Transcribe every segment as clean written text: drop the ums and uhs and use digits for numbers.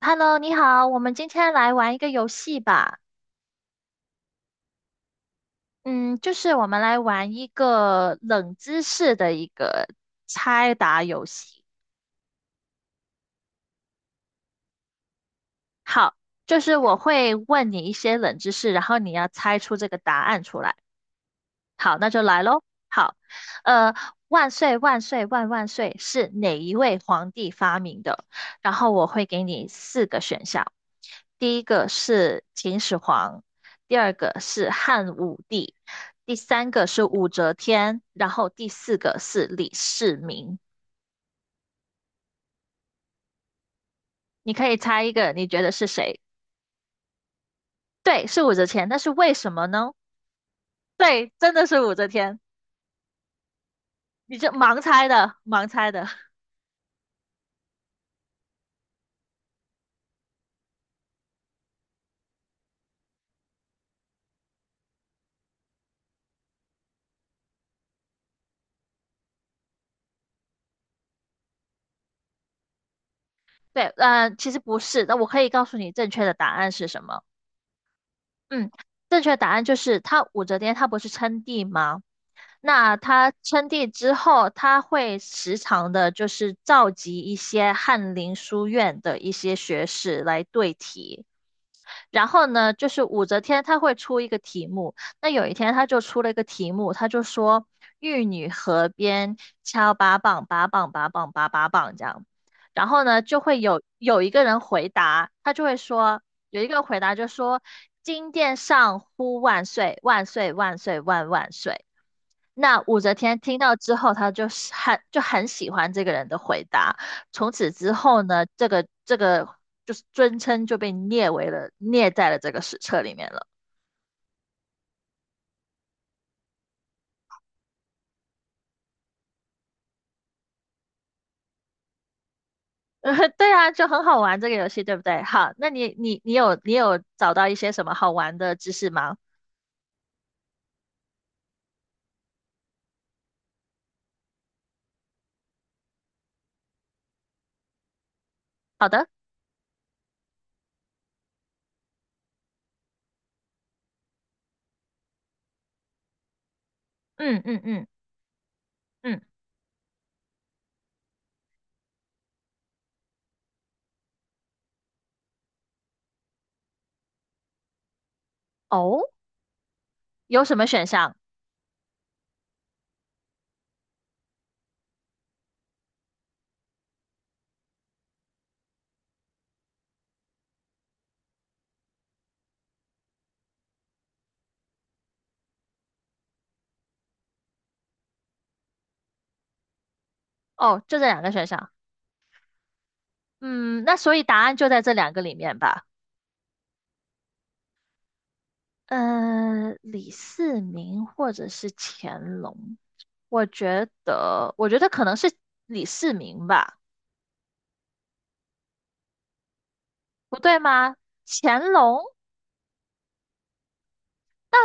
Hello，你好，我们今天来玩一个游戏吧。嗯，就是我们来玩一个冷知识的猜答游戏。好，就是我会问你一些冷知识，然后你要猜出这个答案出来。好，那就来喽。好，呃，万岁万岁万万岁是哪一位皇帝发明的？然后我会给你四个选项，第一个是秦始皇，第二个是汉武帝，第三个是武则天，然后第四个是李世民。你可以猜一个，你觉得是谁？对，是武则天，但是为什么呢？对，真的是武则天，你这盲猜的，盲猜的。对，其实不是，那我可以告诉你正确的答案是什么。嗯，正确的答案就是他武则天她不是称帝吗？那她称帝之后，她会时常的就是召集一些翰林书院的一些学士来对题。然后呢，就是武则天她会出一个题目，那有一天她就出了一个题目，她就说玉女河边敲八棒，八棒八棒八八棒这样，然后呢就会有一个人回答，他就会说有一个回答就说金殿上呼万岁万岁万岁万万岁，那武则天听到之后，她就是很喜欢这个人的回答。从此之后呢，这个就是尊称就被列为了列在了这个史册里面了。对啊，就很好玩这个游戏，对不对？好，那你有找到一些什么好玩的知识吗？好的，嗯嗯嗯嗯，哦，有什么选项？哦，就这两个选项。嗯，那所以答案就在这两个里面吧。李世民或者是乾隆，我觉得可能是李世民吧，不对吗？乾隆，但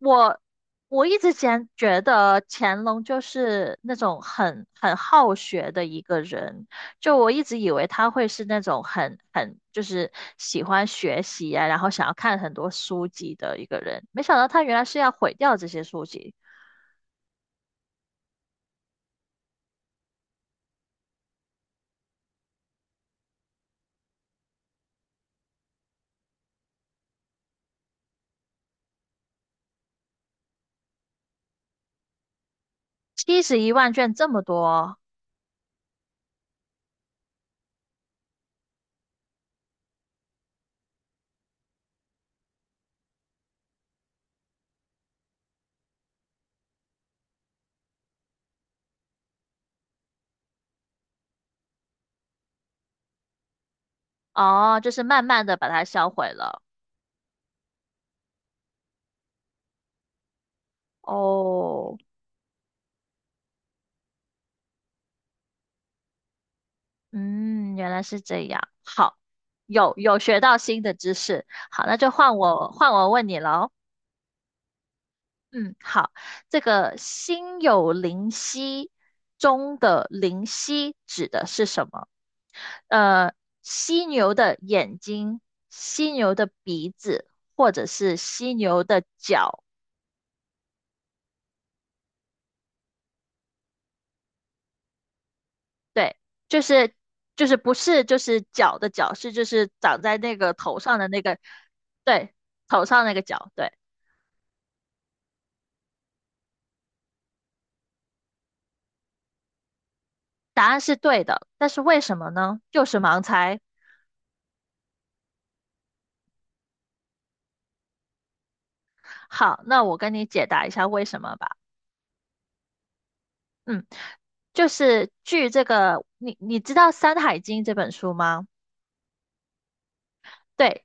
我我一直前觉得乾隆就是那种很好学的一个人，就我一直以为他会是那种就是喜欢学习啊，然后想要看很多书籍的一个人，没想到他原来是要毁掉这些书籍。71万卷这么多，哦，就是慢慢的把它销毁了。哦，嗯，原来是这样。好，有学到新的知识。好，那就换我问你喽。嗯，好，这个心有灵犀中的灵犀指的是什么？呃，犀牛的眼睛、犀牛的鼻子，或者是犀牛的脚？对，就是就是不是就是角的角，是就是长在那个头上的那个，对，头上那个角，对，答案是对的，但是为什么呢？就是盲猜。好，那我跟你解答一下为什么吧。嗯，就是据这个，你知道《山海经》这本书吗？对，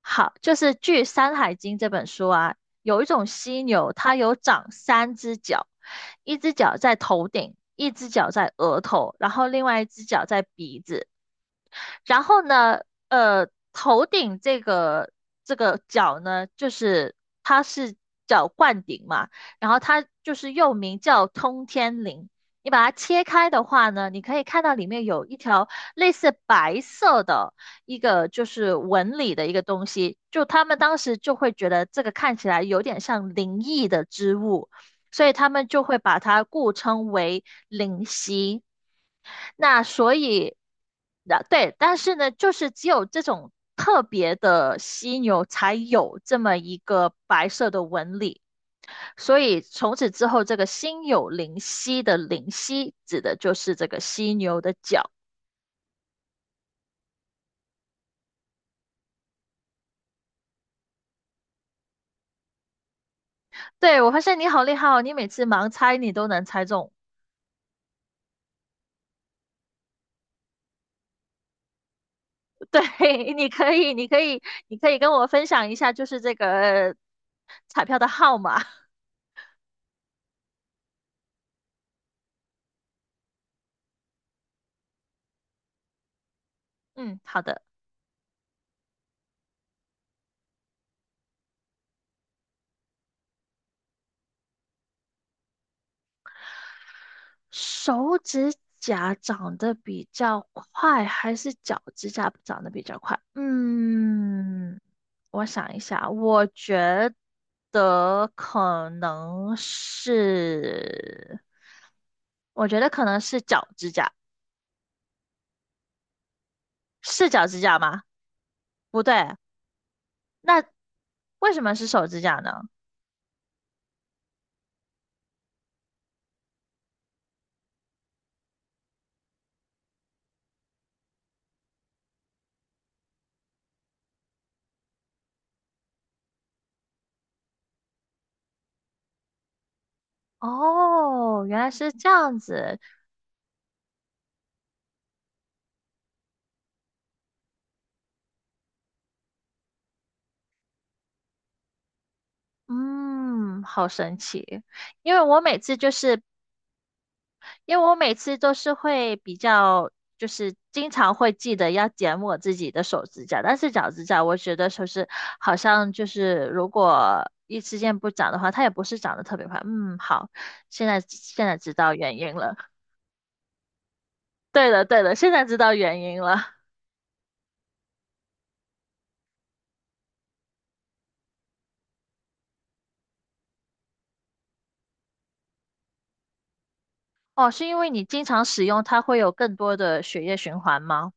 好，就是据《山海经》这本书啊，有一种犀牛，它有长三只脚，一只脚在头顶，一只脚在额头，然后另外一只脚在鼻子。然后呢，头顶这个角呢，就是它是叫冠顶嘛，然后它就是又名叫通天翎。你把它切开的话呢，你可以看到里面有一条类似白色的一个就是纹理的一个东西，就他们当时就会觉得这个看起来有点像灵异的织物。所以他们就会把它故称为灵犀。那所以，那对，但是呢，就是只有这种特别的犀牛才有这么一个白色的纹理，所以从此之后，这个心有灵犀的灵犀指的就是这个犀牛的角。对，我发现你好厉害哦，你每次盲猜你都能猜中。对，你可以，你可以，你可以跟我分享一下，就是这个呃彩票的号码。嗯，好的。手指甲长得比较快，还是脚指甲长得比较快？嗯，我想一下，得可能是，我觉得可能是脚指甲，是脚指甲吗？不对，那为什么是手指甲呢？哦，原来是这样子，嗯，好神奇。因为我每次就是因为我每次都是会比较，就是经常会记得要剪我自己的手指甲，但是脚指甲我觉得就是好像就是如果一时间不长的话，它也不是长得特别快。嗯，好，现在知道原因了。对的，对的，现在知道原因了。哦，是因为你经常使用，它会有更多的血液循环吗？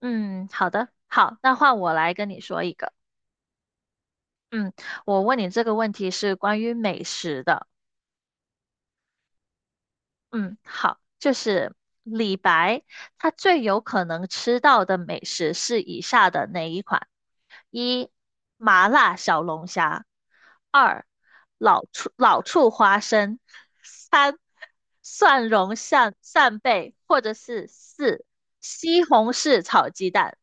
嗯，好的，好，那换我来跟你说一个。嗯，我问你这个问题是关于美食的。嗯，好，就是李白，他最有可能吃到的美食是以下的哪一款？一、麻辣小龙虾；二、老醋花生；三、蒜蓉扇贝，或者是四、西红柿炒鸡蛋。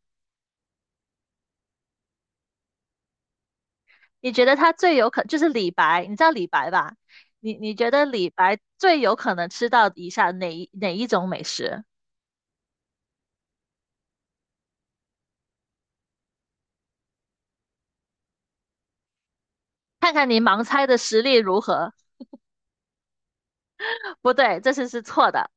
你觉得他最有可就是李白，你知道李白吧？你你觉得李白最有可能吃到以下哪一种美食？看看你盲猜的实力如何。不对，这次是错的，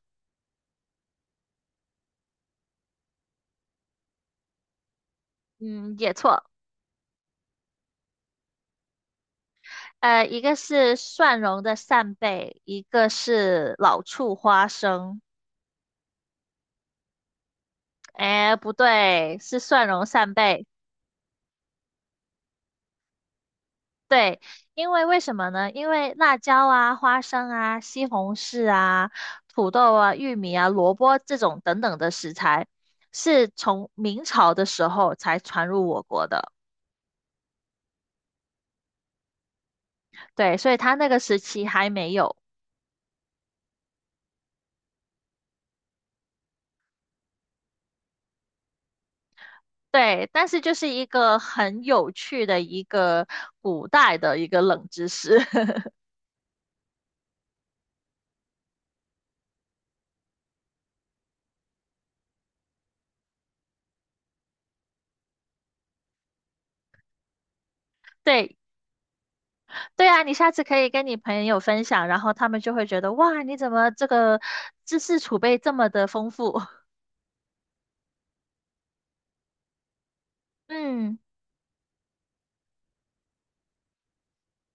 嗯，也错。一个是蒜蓉的扇贝，一个是老醋花生。哎，不对，是蒜蓉扇贝。对，因为为什么呢？因为辣椒啊、花生啊、西红柿啊、土豆啊、玉米啊、萝卜这种等等的食材，是从明朝的时候才传入我国的。对，所以它那个时期还没有。对，但是就是一个很有趣的一个古代的一个冷知识。对，对啊，你下次可以跟你朋友分享，然后他们就会觉得哇，你怎么这个知识储备这么的丰富？嗯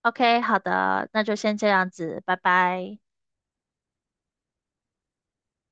，OK，好的，那就先这样子，拜拜。